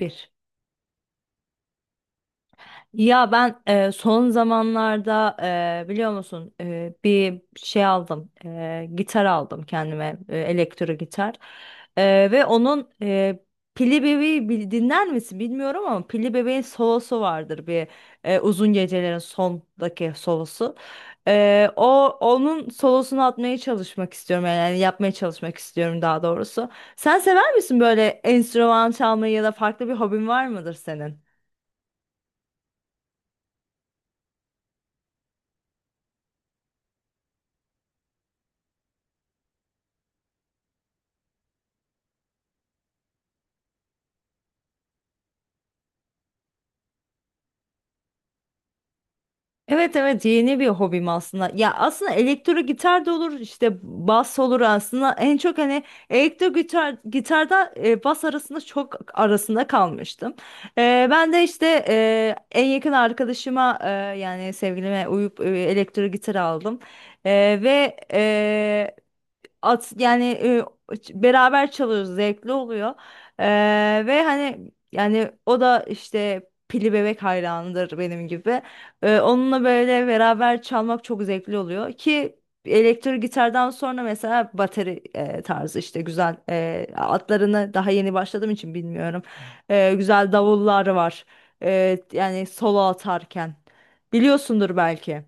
Bir. Ya ben son zamanlarda biliyor musun bir şey aldım, gitar aldım kendime, elektro gitar. Ve onun dinler misin bilmiyorum ama Pilli Bebeğin solosu vardır bir, Uzun Gecelerin sondaki solosu. O onun solosunu atmaya çalışmak istiyorum, yani yapmaya çalışmak istiyorum daha doğrusu. Sen sever misin böyle enstrüman çalmayı, ya da farklı bir hobin var mıdır senin? Evet, evet, yeni bir hobim aslında. Ya aslında elektro gitar da olur işte, bas olur aslında. En çok hani elektro gitar gitarda bas arasında, çok arasında kalmıştım. Ben de işte en yakın arkadaşıma, yani sevgilime uyup elektro gitar aldım. Ve yani beraber çalıyoruz, zevkli oluyor. E, Ve hani yani o da işte Pili Bebek hayranıdır benim gibi. Onunla böyle beraber çalmak çok zevkli oluyor ki elektro gitardan sonra mesela bateri, tarzı işte güzel, atlarını daha yeni başladığım için bilmiyorum. Güzel davullar var. Yani solo atarken biliyorsundur belki.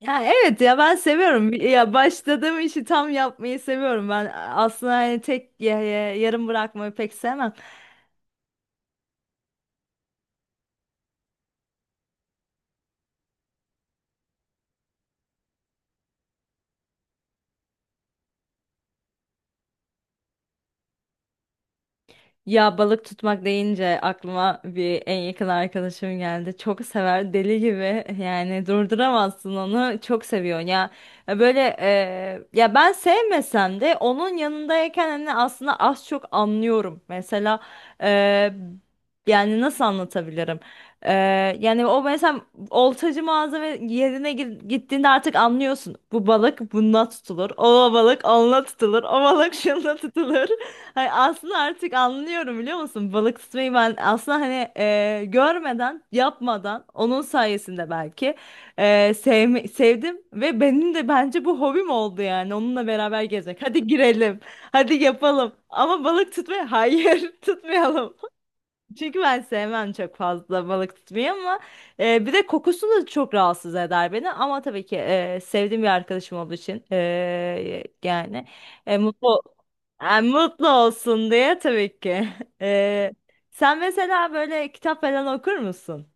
Ya, evet, ya ben seviyorum. Ya başladığım işi tam yapmayı seviyorum. Ben aslında hani tek yarım bırakmayı pek sevmem. Ya balık tutmak deyince aklıma bir en yakın arkadaşım geldi. Çok sever, deli gibi, yani durduramazsın onu, çok seviyor ya böyle. Ya ben sevmesem de onun yanındayken hani aslında az çok anlıyorum. Mesela e, yani nasıl anlatabilirim? E, Yani o mesela oltacı mağaza ve yerine gittiğinde artık anlıyorsun. Bu balık bununla tutulur. O balık onunla tutulur. O balık şununla tutulur. Hay aslında artık anlıyorum, biliyor musun? Balık tutmayı ben aslında hani, görmeden, yapmadan, onun sayesinde belki e, sevdim, ve benim de bence bu hobim oldu, yani onunla beraber gezmek. Hadi girelim, hadi yapalım. Ama balık tutmayı, hayır, tutmayalım. Çünkü ben sevmem çok fazla balık tutmayı, ama bir de kokusu da çok rahatsız eder beni. Ama tabii ki sevdiğim bir arkadaşım olduğu için, yani e, mutlu mutlu olsun diye, tabii ki. Sen mesela böyle kitap falan okur musun?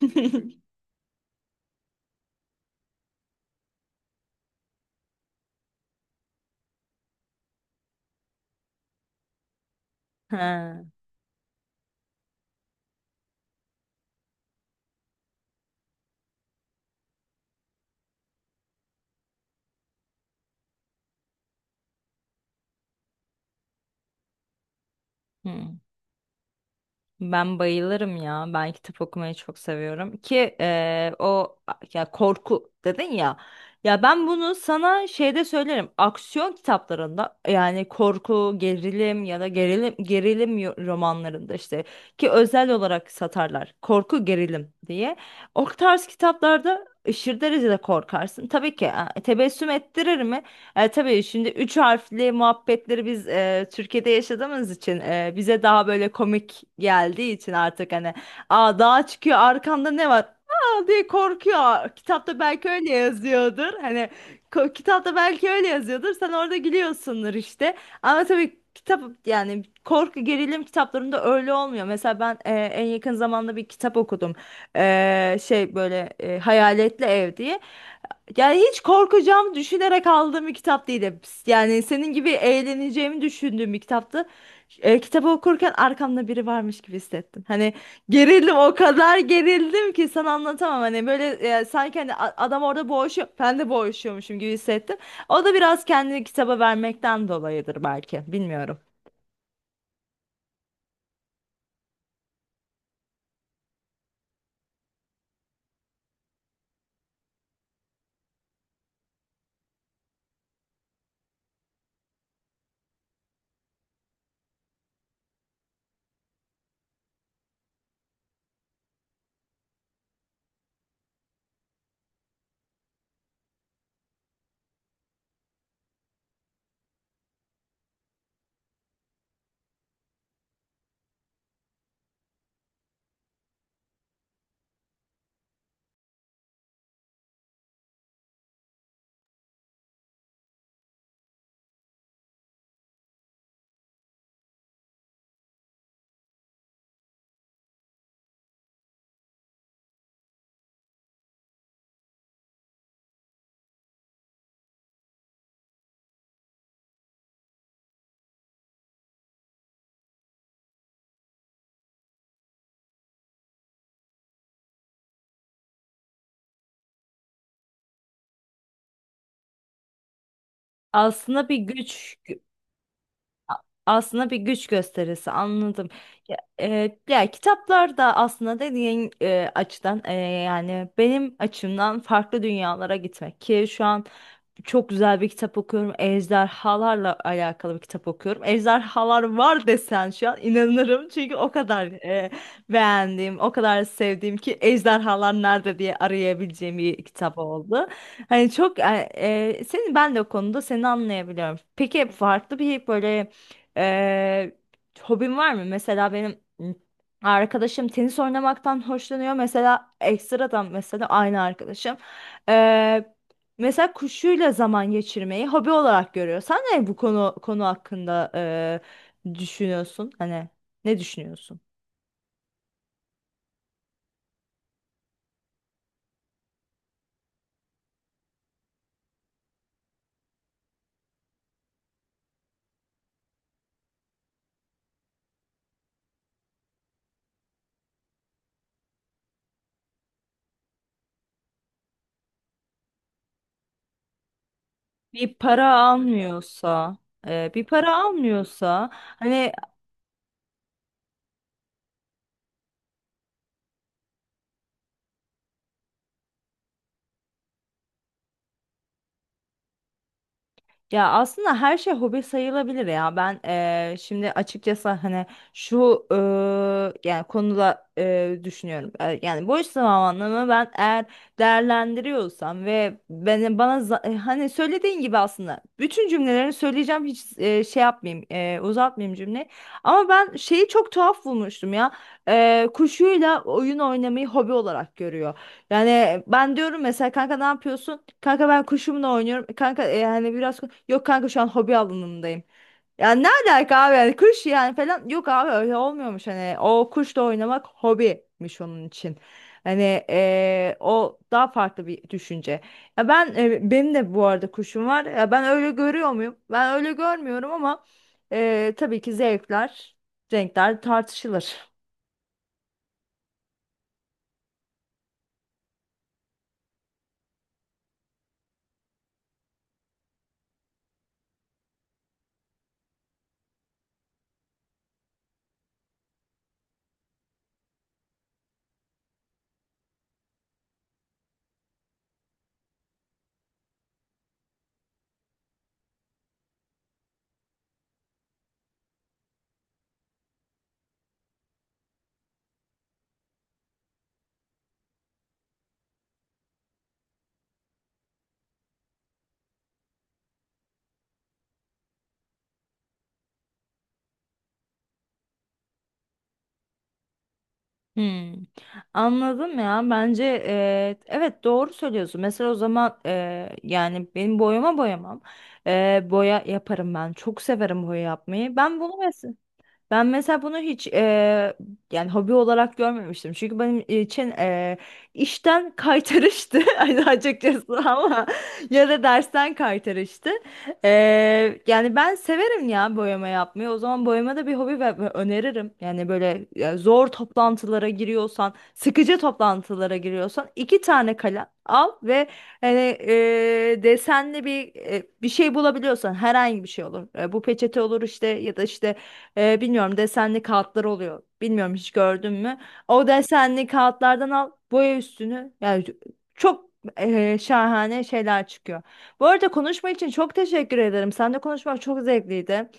Ha. Hı. Ben bayılırım ya. Ben kitap okumayı çok seviyorum ki, o, ya korku dedin ya. Ya ben bunu sana şeyde söylerim. Aksiyon kitaplarında yani korku, gerilim, ya da gerilim gerilim romanlarında işte, ki özel olarak satarlar. Korku, gerilim diye. O tarz kitaplarda aşırı derecede korkarsın. Tabii ki tebessüm ettirir mi? Tabii şimdi üç harfli muhabbetleri biz Türkiye'de yaşadığımız için, bize daha böyle komik geldiği için, artık hani, aa, dağa çıkıyor, arkanda ne var? Aa, diye korkuyor. Kitapta belki öyle yazıyordur. Hani kitapta belki öyle yazıyordur. Sen orada gülüyorsundur işte. Ama tabii kitap, yani korku gerilim kitaplarında öyle olmuyor. Mesela ben en yakın zamanda bir kitap okudum. Şey böyle, Hayaletli Ev diye. Yani hiç korkacağım düşünerek aldığım bir kitap değildi. Yani senin gibi eğleneceğimi düşündüğüm bir kitaptı. Kitabı okurken arkamda biri varmış gibi hissettim. Hani gerildim, o kadar gerildim ki sana anlatamam. Hani böyle sanki hani adam orada boğuşuyor. Ben de boğuşuyormuşum gibi hissettim. O da biraz kendini kitaba vermekten dolayıdır belki. Bilmiyorum. Aslında bir güç A- Aslında bir güç gösterisi, anladım. Ya, ya kitaplar da aslında dediğin açıdan, yani benim açımdan farklı dünyalara gitmek ki şu an çok güzel bir kitap okuyorum. Ejderhalarla alakalı bir kitap okuyorum. Ejderhalar var desen şu an inanırım, çünkü o kadar beğendiğim, o kadar sevdiğim ki, ejderhalar nerede diye arayabileceğim bir kitap oldu. Hani çok, ben de o konuda seni anlayabiliyorum. Peki, farklı bir böyle ee, hobin var mı? Mesela benim arkadaşım tenis oynamaktan hoşlanıyor. Mesela ekstradan, mesela aynı arkadaşım. Ee, Mesela kuşuyla zaman geçirmeyi hobi olarak görüyor. Sen ne, bu konu hakkında düşünüyorsun? Hani ne düşünüyorsun? Bir para almıyorsa, bir para almıyorsa, hani. Ya aslında her şey hobi sayılabilir ya. Ben şimdi açıkçası hani şu yani konuda düşünüyorum. Yani boş zamanımı ben eğer değerlendiriyorsam ve beni bana hani söylediğin gibi, aslında bütün cümlelerini söyleyeceğim, hiç şey yapmayayım, uzatmayayım cümleyi. Ama ben şeyi çok tuhaf bulmuştum ya. Kuşuyla oyun oynamayı hobi olarak görüyor. Yani ben diyorum mesela, kanka ne yapıyorsun? Kanka ben kuşumla oynuyorum. Kanka yani biraz yok, kanka şu an hobi alanındayım. Ya ne alaka abi, yani kuş yani falan, yok abi, öyle olmuyormuş, hani o kuşla oynamak hobiymiş onun için. Hani o daha farklı bir düşünce. Ya ben, benim de bu arada kuşum var. Ya ben öyle görüyor muyum? Ben öyle görmüyorum ama, tabii ki zevkler, renkler tartışılır. Hmm, anladım ya, bence evet, doğru söylüyorsun, mesela o zaman, yani benim boyamam. Boya yaparım, ben çok severim boya yapmayı. Ben mesela bunu hiç yani hobi olarak görmemiştim. Çünkü benim için işten kaytarıştı, hani açıkçası, ama ya da dersten kaytarıştı. Yani ben severim ya boyama yapmayı. O zaman boyama da bir hobi, ve öneririm. Yani böyle, ya zor toplantılara giriyorsan, sıkıcı toplantılara giriyorsan, iki tane kalem al ve hani, desenli bir, bir şey bulabiliyorsan, herhangi bir şey olur. Bu peçete olur işte, ya da işte bilmiyorum, desenli kağıtlar oluyor. Bilmiyorum, hiç gördün mü? O desenli kağıtlardan al, boya üstünü. Yani çok şahane şeyler çıkıyor. Bu arada konuşma için çok teşekkür ederim. Seninle konuşmak çok zevkliydi.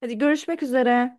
Hadi, görüşmek üzere.